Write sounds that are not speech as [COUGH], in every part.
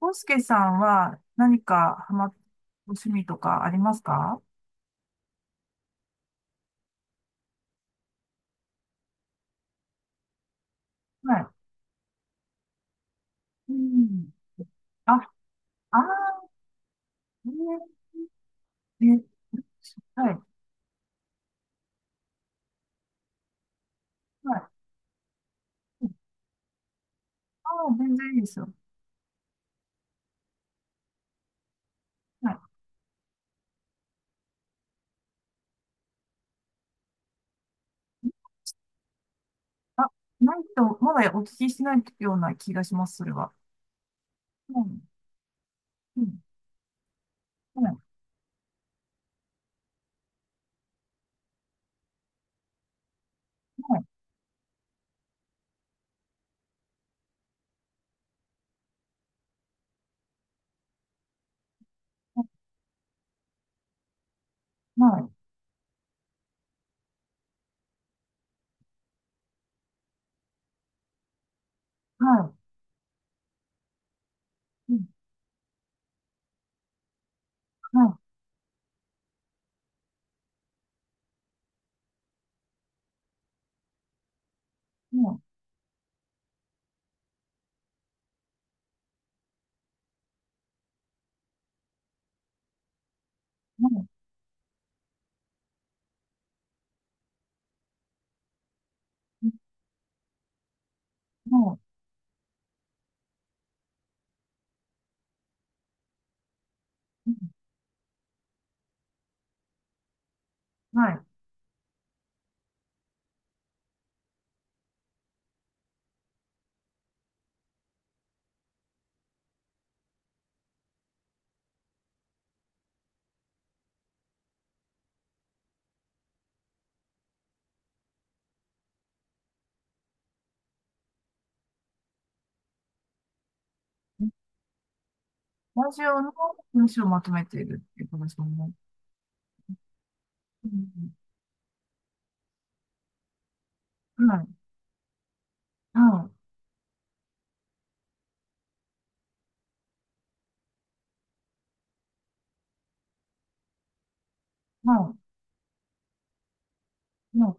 コスケさんは、何かハマっ、ご趣味とかありますか？はい。うん。あ、あー、えー、えーはい、はい。ああ、全然いいですよ。はい。あ、ないと、まだお聞きしてないような気がします、それは。うんうん。はい。はい。はい。はい。うん。はい。はい。はい。はい。うん、はい。ラジオの文章をまとめているっていうことですもんね。うん。はい。はい。はい。はい。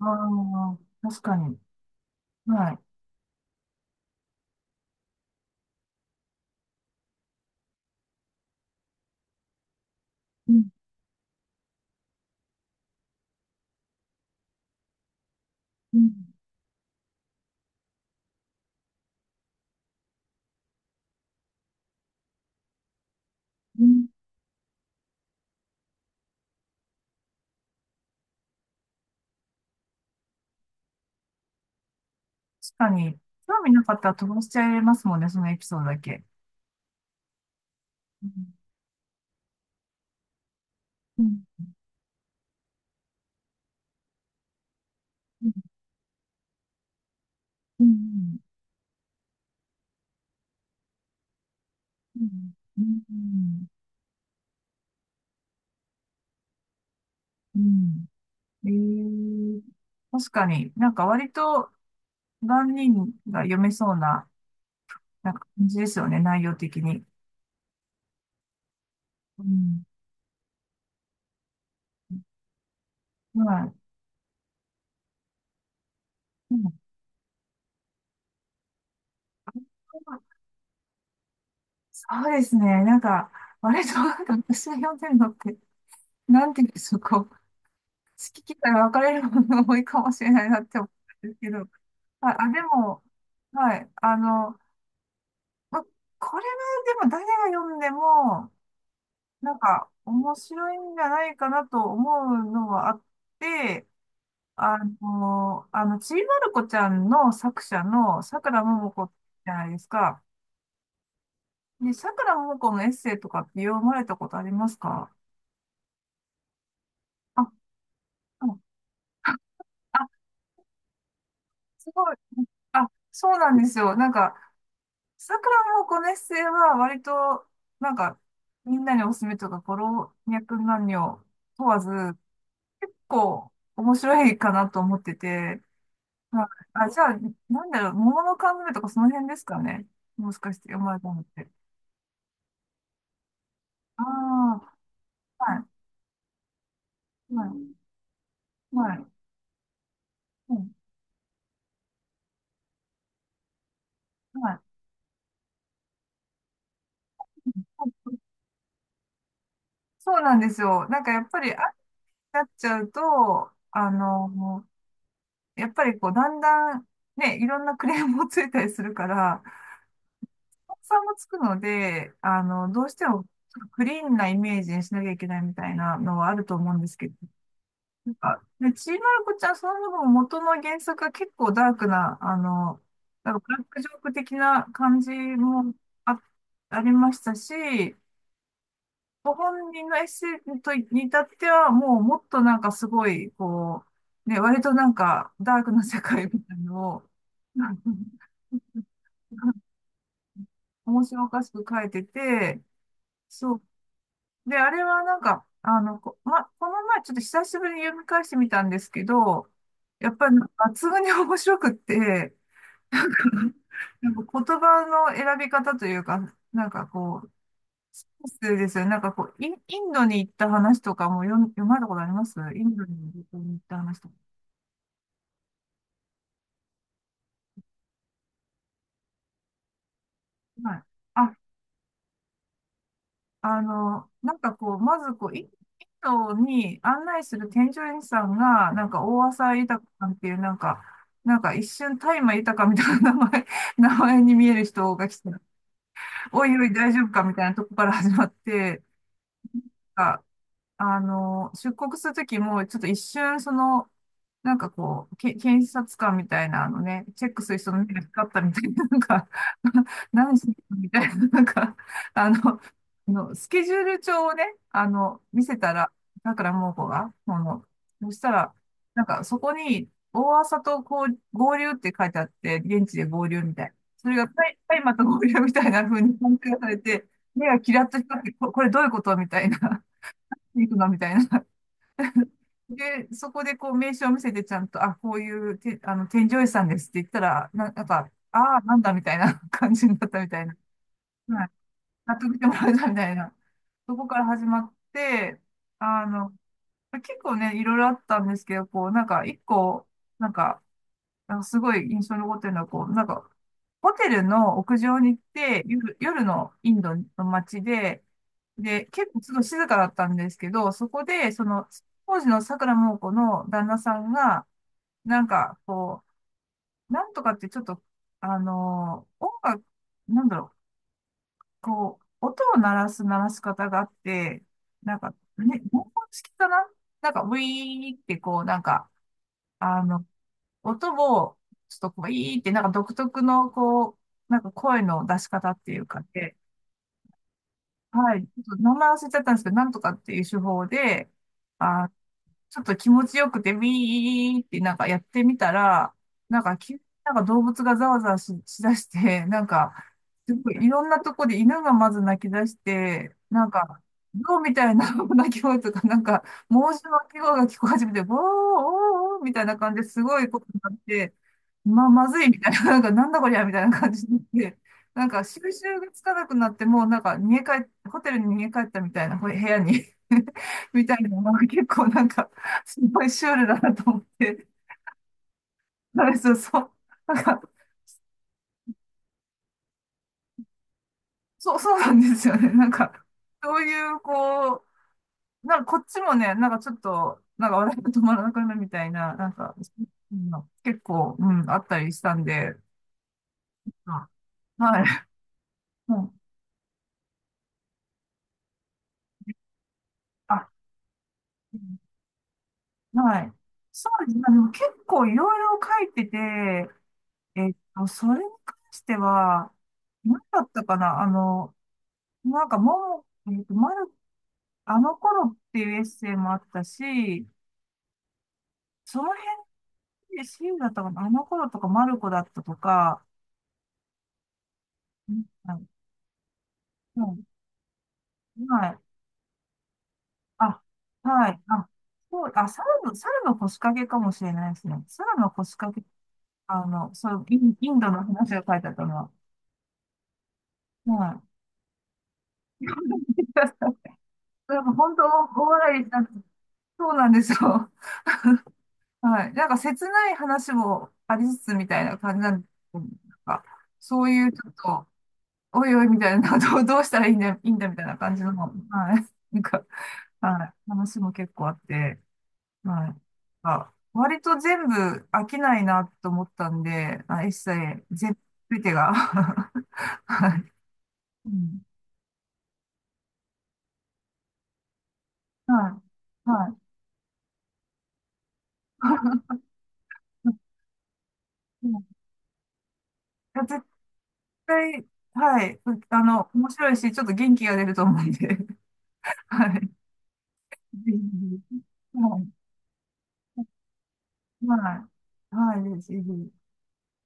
ああ、確かに。はい。うん、うん、うん、確かに、興味なかったら飛ばしちゃいますもんね、そのエピソードだけ。うん、うん、うん、うん、うん、うん、うん。うん、ええ、確かになんか割と万人が読めそうな、なんか感じですよね、内容的に。うん、はい。うん、そうですね。なんか、割と、なんか私が読んでるのって、なんていうんでしょう、こう、好き嫌い分かれるものが多いかもしれないなって思うんですけど。あ、あ、でも、はい。ま、これはでも誰が読んでも、なんか面白いんじゃないかなと思うのはあって、ちびまる子ちゃんの作者のさくらももこじゃないですか。で、さくらももこのエッセイとかって読まれたことありますか？あ、うん、あ、すごい。あ、そうなんですよ。なんか、さくらもこねっせいは割と、なんか、みんなにおすすめとか、こ、老若男女問わず、結構面白いかなと思ってて、まあ、あ、じゃあ、なんだろう、桃の缶詰とかその辺ですかね。もしかして読まれたのって。ああ、はい、はい、はい、うん、はい。そうなんですよ。なんかやっぱり、あ、なっちゃうと、あの、やっぱりこう、だんだん、ね、いろんなクレームもついたりするから、さんもつくので、どうしてもクリーンなイメージにしなきゃいけないみたいなのはあると思うんですけど、なんか、ね、ちいまる子ちゃん、その分元の原作が結構ダークな、なんかブラックジョーク的な感じもあ、ありましたし、ご本人のエッセイとに至っては、もうもっとなんかすごい、こう、ね、割となんかダークな世界みたいなのを、[LAUGHS] 面白おかしく書いてて、そうで、あれはなんか、この前ちょっと久しぶりに読み返してみたんですけど、やっぱり抜群に面白くって、[LAUGHS] なんか言葉の選び方というか、なんかこう、そうですよね。なんかこう、インドに行った話とかも読まれたことありますインドに旅行に行った話とか。はい。あ、なんかこう、まずこう、インドに案内する添乗員さんが、なんか大浅井豊さんっていう、なんか、なんか一瞬大麻豊みたいな名前、名前に見える人が来て、おいおい大丈夫かみたいなとこから始まって、あ、出国するときも、ちょっと一瞬その、なんかこう、検察官みたいな、あのね、チェックする人の目が光ったみたいな、なんか、[LAUGHS] 何してるのみたいな、なんか、あのスケジュール帳をね、見せたら、だからもうこが、この、そしたら、なんかそこに、大朝とこう合流って書いてあって、現地で合流みたいな。それがタイまた合流みたいな風に判定されて、目がキラッと光って、これどういうことみたいな。行くのみたいな。で、そこでこう名刺を見せてちゃんと、あ、こういうて、添乗員さんですって言ったら、なんか、ああ、なんだみたいな [LAUGHS] 感じになったみたいな。はい。納得してもらえたみたいな。そこから始まって、あの、結構ね、いろいろあったんですけど、こう、なんか、一個、なんか、なんかすごい印象に残ってるのは、こう、なんか、ホテルの屋上に行って、夜のインドの街で、で、結構ちょっと静かだったんですけど、そこで、その、当時の桜桃子の旦那さんが、なんか、こう、なんとかってちょっと、音楽、なんだろう、こう、音を鳴らす鳴らし方があって、なんか、ね、文法式かな。なんか、ウィーってこう、なんか、あの、音も、ちょっとこう、いいって、なんか独特の、こう、なんか声の出し方っていうかで、はい、ちょっと名前忘れちゃったんですけど、なんとかっていう手法で、あ、ちょっと気持ちよくて、ビーってなんかやってみたら、なんか急になんか動物がざわざわしだして、[LAUGHS] なんか、すごいいろんなとこで犬がまず泣き出して、なんか、ゾウみたいな [LAUGHS] 鳴き声 [LAUGHS] とか、なんか、申し訳鳴き声が聞こえ始めて、ボー、おー、おーみたいな感じですごいことになって、まずいみたいな、[LAUGHS] なんか、なんだこりゃみたいな感じになって、なんか、収拾がつかなくなって、もうなんか、逃げ帰っ、ホテルに逃げ帰ったみたいな、部屋に [LAUGHS] みたいなのが結構なんか、すごいシュールだなと思って、なんかそう、そう、なんか、そう、そうなんですよね。なんか、そういう、こう、なんかこっちもね、なんかちょっと、なんか笑いが止まらなくなるみたいな、なんか、うん、結構、うん、あったりしたんで、あ、はい。うん、あ、うん、はい。そうですね。でも結構いろいろ書いてて、えっと、それに関しては、何だったかな、なんか、もも、えっと、まるあの頃っていうエッセイもあったし、その辺でシールだったかな、あの頃とかマルコだったとか、うん、うん、はい。あ、はい。あ、そう、あ、猿の腰掛けかもしれないですね。猿の腰掛け、そう、インドの話が書いてあったのは。はい。[LAUGHS] なんか本当、大笑いした。そうなんですよ。はい。なんか切ない話もありつつみたいな感じなんですけど、なんか、そういうちょっと、おいおいみたいな、どう、[LAUGHS] どうしたらいいんだ、いいんだみたいな感じの、はい。なんか、はい。話も結構あって、はい。あ、割と全部飽きないなと思ったんで、まあ、一切、全部てが。[LAUGHS] はい。うん。はい。はい。[LAUGHS] うん、いや絶対、はい。う、面白いし、ちょっと元気が出ると思うんで。[LAUGHS] はい。ぜひぜひ、はい。はい。はい。ぜひぜひ